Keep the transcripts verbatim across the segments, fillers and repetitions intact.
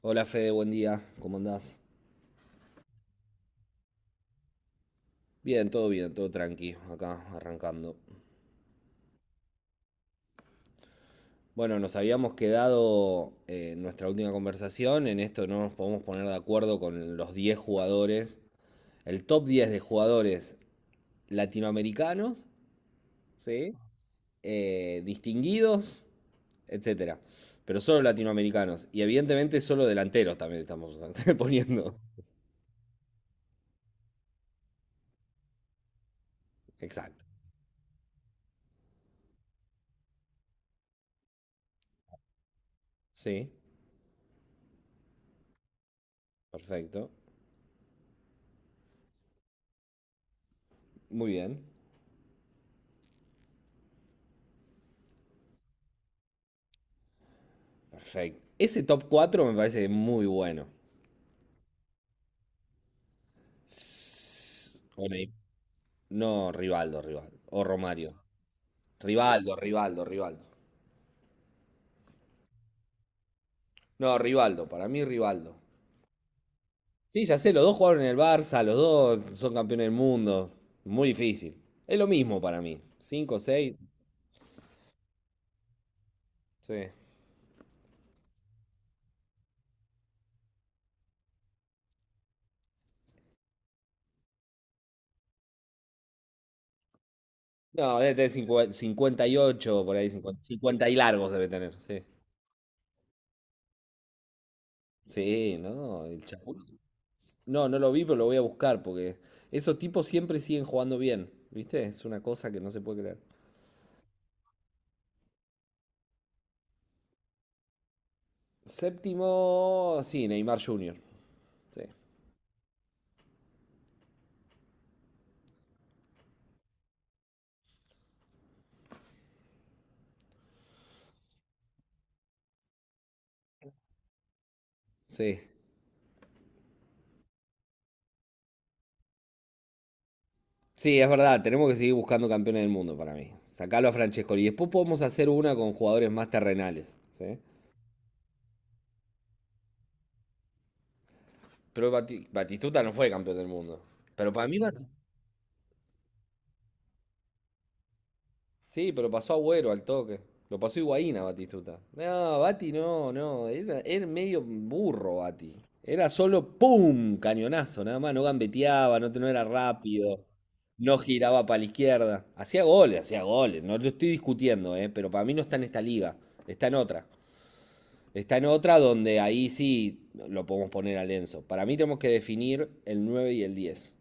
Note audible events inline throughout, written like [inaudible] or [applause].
Hola Fede, buen día, ¿cómo andás? Bien, todo bien, todo tranqui, acá arrancando. Bueno, nos habíamos quedado eh, en nuestra última conversación, en esto no nos podemos poner de acuerdo con los diez jugadores, el top diez de jugadores latinoamericanos, ¿sí? Eh, distinguidos, etcétera. Pero solo latinoamericanos, y evidentemente solo delanteros también estamos [laughs] poniendo. Exacto. Sí, perfecto. Muy bien. Perfecto. Ese top cuatro me parece muy bueno. S- o Ney- No, Rivaldo, Rivaldo. O Romario. Rivaldo, Rivaldo, Rivaldo. No, Rivaldo, para mí Rivaldo. Sí, ya sé, los dos jugaron en el Barça, los dos son campeones del mundo. Muy difícil. Es lo mismo para mí. cinco, seis sí. No, debe tener cincuenta cincuenta y ocho, por ahí, cincuenta, cincuenta y largos debe tener, sí. Sí, no, el Chapu. No, no lo vi, pero lo voy a buscar porque esos tipos siempre siguen jugando bien, ¿viste? Es una cosa que no se puede creer. Séptimo, sí, Neymar junior Sí, sí. Sí, es verdad, tenemos que seguir buscando campeones del mundo para mí. Sacalo a Francescoli. Y después podemos hacer una con jugadores más terrenales, ¿sí? Pero Bati- Batistuta no fue campeón del mundo. Pero para mí Bat- Sí, pero pasó Agüero al toque. Lo pasó Higuaín a Batistuta. No, Bati no, no. Era, era medio burro Bati. Era solo ¡pum! Cañonazo, nada más. No gambeteaba, no, te- no era rápido. No giraba para la izquierda. Hacía goles, hacía goles. No lo estoy discutiendo, eh, pero para mí no está en esta liga. Está en otra. Está en otra donde ahí sí lo podemos poner a Lenzo. Para mí tenemos que definir el nueve y el diez.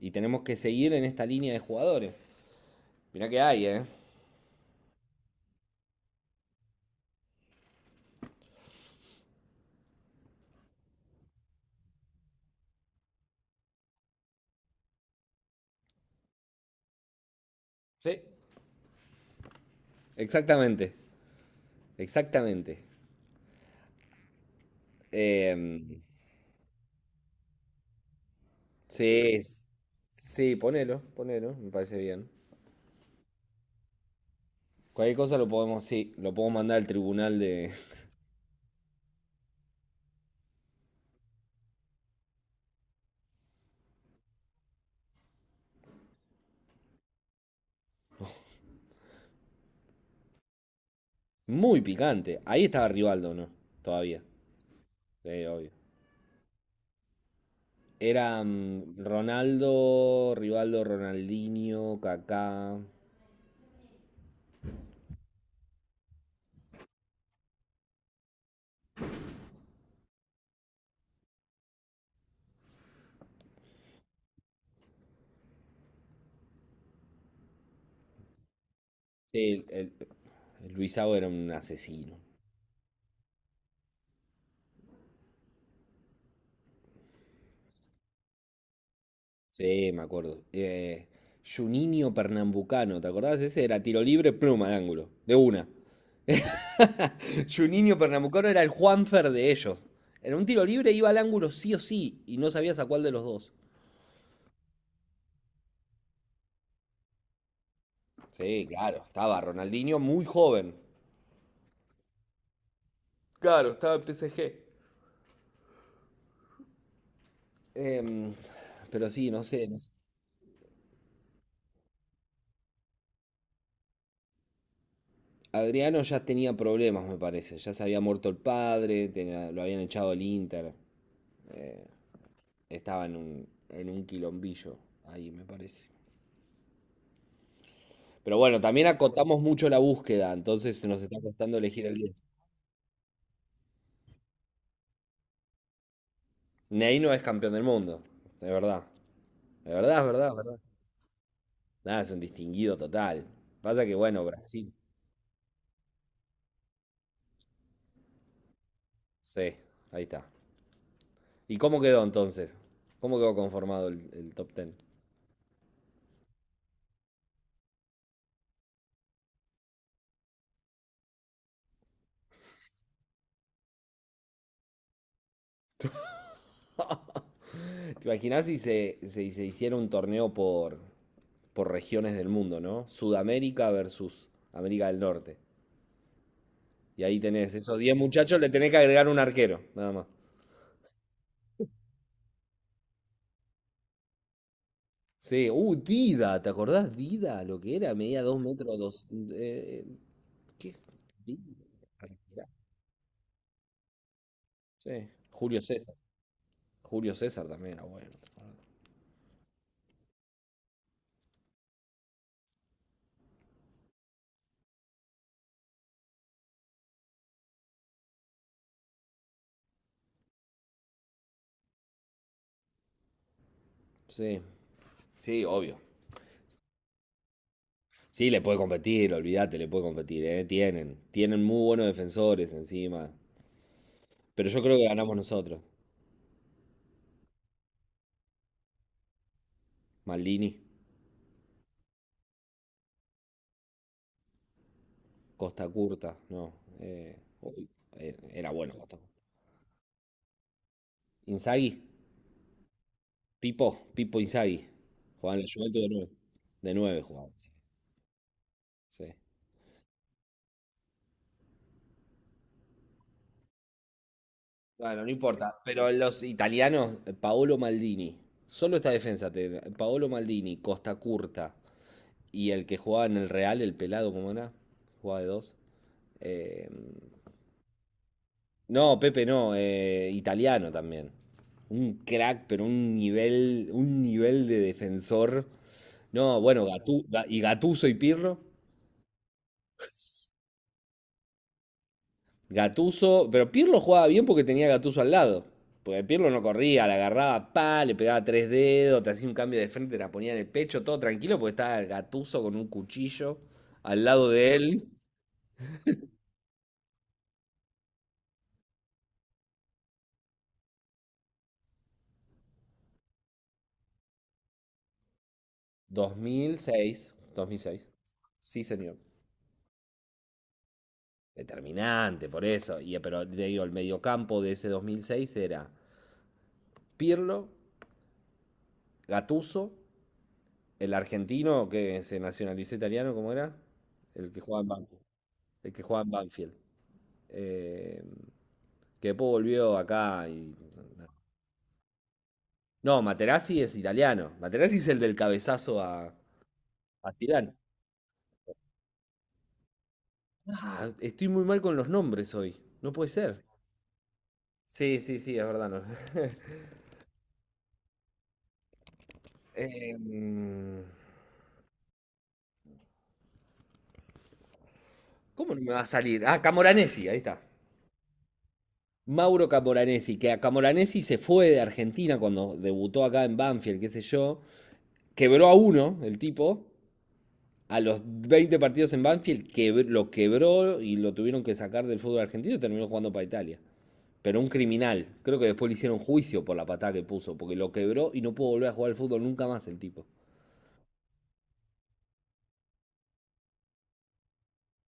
Y tenemos que seguir en esta línea de jugadores. Mirá que hay, ¿eh? Sí, exactamente, exactamente. Em, sí, s- sí, ponelo, ponelo, me parece bien. Cualquier cosa lo podemos, sí, lo podemos mandar al tribunal de... [laughs] Muy picante. Ahí estaba Rivaldo, ¿no? Todavía. Sí, obvio. Era mm, Ronaldo, Rivaldo, Ronaldinho, Kaká. Sí, el, el Luisao era un asesino. Sí, me acuerdo. Eh, Juninho Pernambucano, ¿te acordás? Ese era tiro libre, pluma al ángulo. De una. [laughs] Juninho Pernambucano era el Juanfer de ellos. En un tiro libre iba al ángulo sí o sí y no sabías a cuál de los dos. Sí, claro, estaba Ronaldinho muy joven. Claro, estaba en P S G. Em, pero sí, no sé, no sé. Adriano ya tenía problemas, me parece. Ya se había muerto el padre, tenía- lo habían echado el Inter. Estaba en un, en un quilombillo ahí, me parece. Pero bueno, también acotamos mucho la búsqueda, entonces nos está costando elegir el diez. Ney no es campeón del mundo, de verdad. Es verdad, es verdad, es verdad. Nada, es un distinguido total. Pasa que, bueno, Brasil. Sí, ahí está. ¿Y cómo quedó entonces? ¿Cómo quedó conformado el, el top ten? ¿Te imaginás si se, se- se hiciera un torneo por, por regiones del mundo? ¿No? Sudamérica versus América del Norte. Y ahí tenés esos diez muchachos, le tenés que agregar un arquero, nada más. Sí, uh, Dida, ¿te acordás Dida? Lo que era, medía dos metros, dos, eh, eh, ¿qué? Dida, arquera. Sí, Julio César. Julio César también era bueno. Sí, sí, obvio. Sí, le puede competir, olvídate, le puede competir, ¿eh? Tienen, tienen muy buenos defensores encima. Pero yo creo que ganamos nosotros. Maldini, Costa Curta, no. eh, uy, eh, era bueno Costa Curta. Inzaghi, Pipo, Pipo Inzaghi. Jugaban en la Juventus de nueve. De nueve jugaban. Sí. Bueno, no importa. Pero los italianos, eh, Paolo Maldini. Solo esta defensa, te- Paolo Maldini, Costa Curta, y el que jugaba en el Real, el pelado, ¿cómo era? Jugaba de dos. Eh, no, Pepe no, eh, italiano también. Un crack, pero un nivel, un nivel de defensor. No, bueno, Gatu- Ga- y Gattuso y Pirlo. Gattuso pero Pirlo jugaba bien porque tenía a Gattuso al lado. Porque Pirlo no corría, la agarraba, pa, le pegaba tres dedos, te hacía un cambio de frente, te la ponía en el pecho, todo tranquilo, porque estaba Gattuso con un cuchillo al lado de él. dos dos mil seis, dos mil seis. Sí, señor. Determinante, por eso. Y, pero te digo, el mediocampo de ese dos mil seis era Pirlo, Gattuso. El argentino que se nacionalizó italiano, ¿cómo era? El que juega en Banfield. El que juega en Banfield. Eh, que después volvió acá y... No, Materazzi es italiano. Materazzi es el del cabezazo a, a, Zidane. Ah, estoy muy mal con los nombres hoy. No puede ser. Sí, sí, sí, es verdad. No. [laughs] Eh, ¿Cómo no me va a salir? Ah, Camoranesi, ahí está. Mauro Camoranesi, que a Camoranesi se fue de Argentina cuando debutó acá en Banfield, qué sé yo. Quebró a uno el tipo. A los veinte partidos en Banfield quebr- lo quebró y lo tuvieron que sacar del fútbol argentino y terminó jugando para Italia. Pero un criminal. Creo que después le hicieron juicio por la patada que puso, porque lo quebró y no pudo volver a jugar al fútbol nunca más el tipo.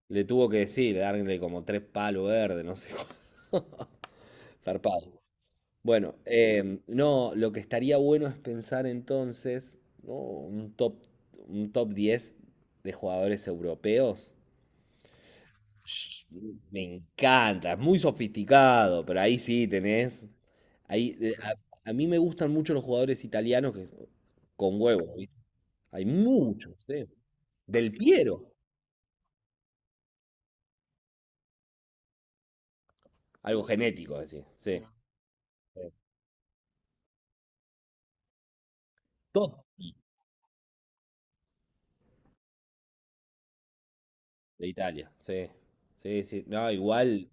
Le tuvo que decir, darle como tres palos verdes, no sé. [laughs] Zarpado. Bueno, em, no, lo que estaría bueno es pensar entonces, ¿no? Un top, un top diez de jugadores europeos. Sh- Me encanta, es muy sofisticado, pero ahí sí tenés. Ahí, de- a, a mí me gustan mucho los jugadores italianos que son- con huevo, ¿viste? Hay muchos, sí. Del Piero, algo genético, así, sí. Sí. Totti, de Italia, sí. Sí, sí. No, igual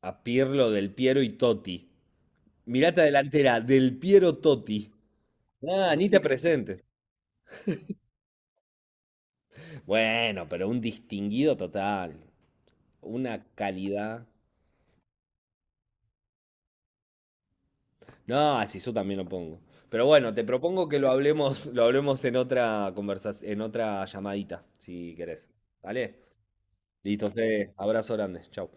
a Pirlo, Del Piero y Totti. Mirata delantera del Piero Totti. Ah, ni te presentes. Bueno, pero un distinguido total. Una calidad. No, así yo también lo pongo. Pero bueno, te propongo que lo hablemos, lo hablemos en otra conversación, en otra llamadita, si querés. ¿Vale? Listo, Fede. Abrazo grande. Chau.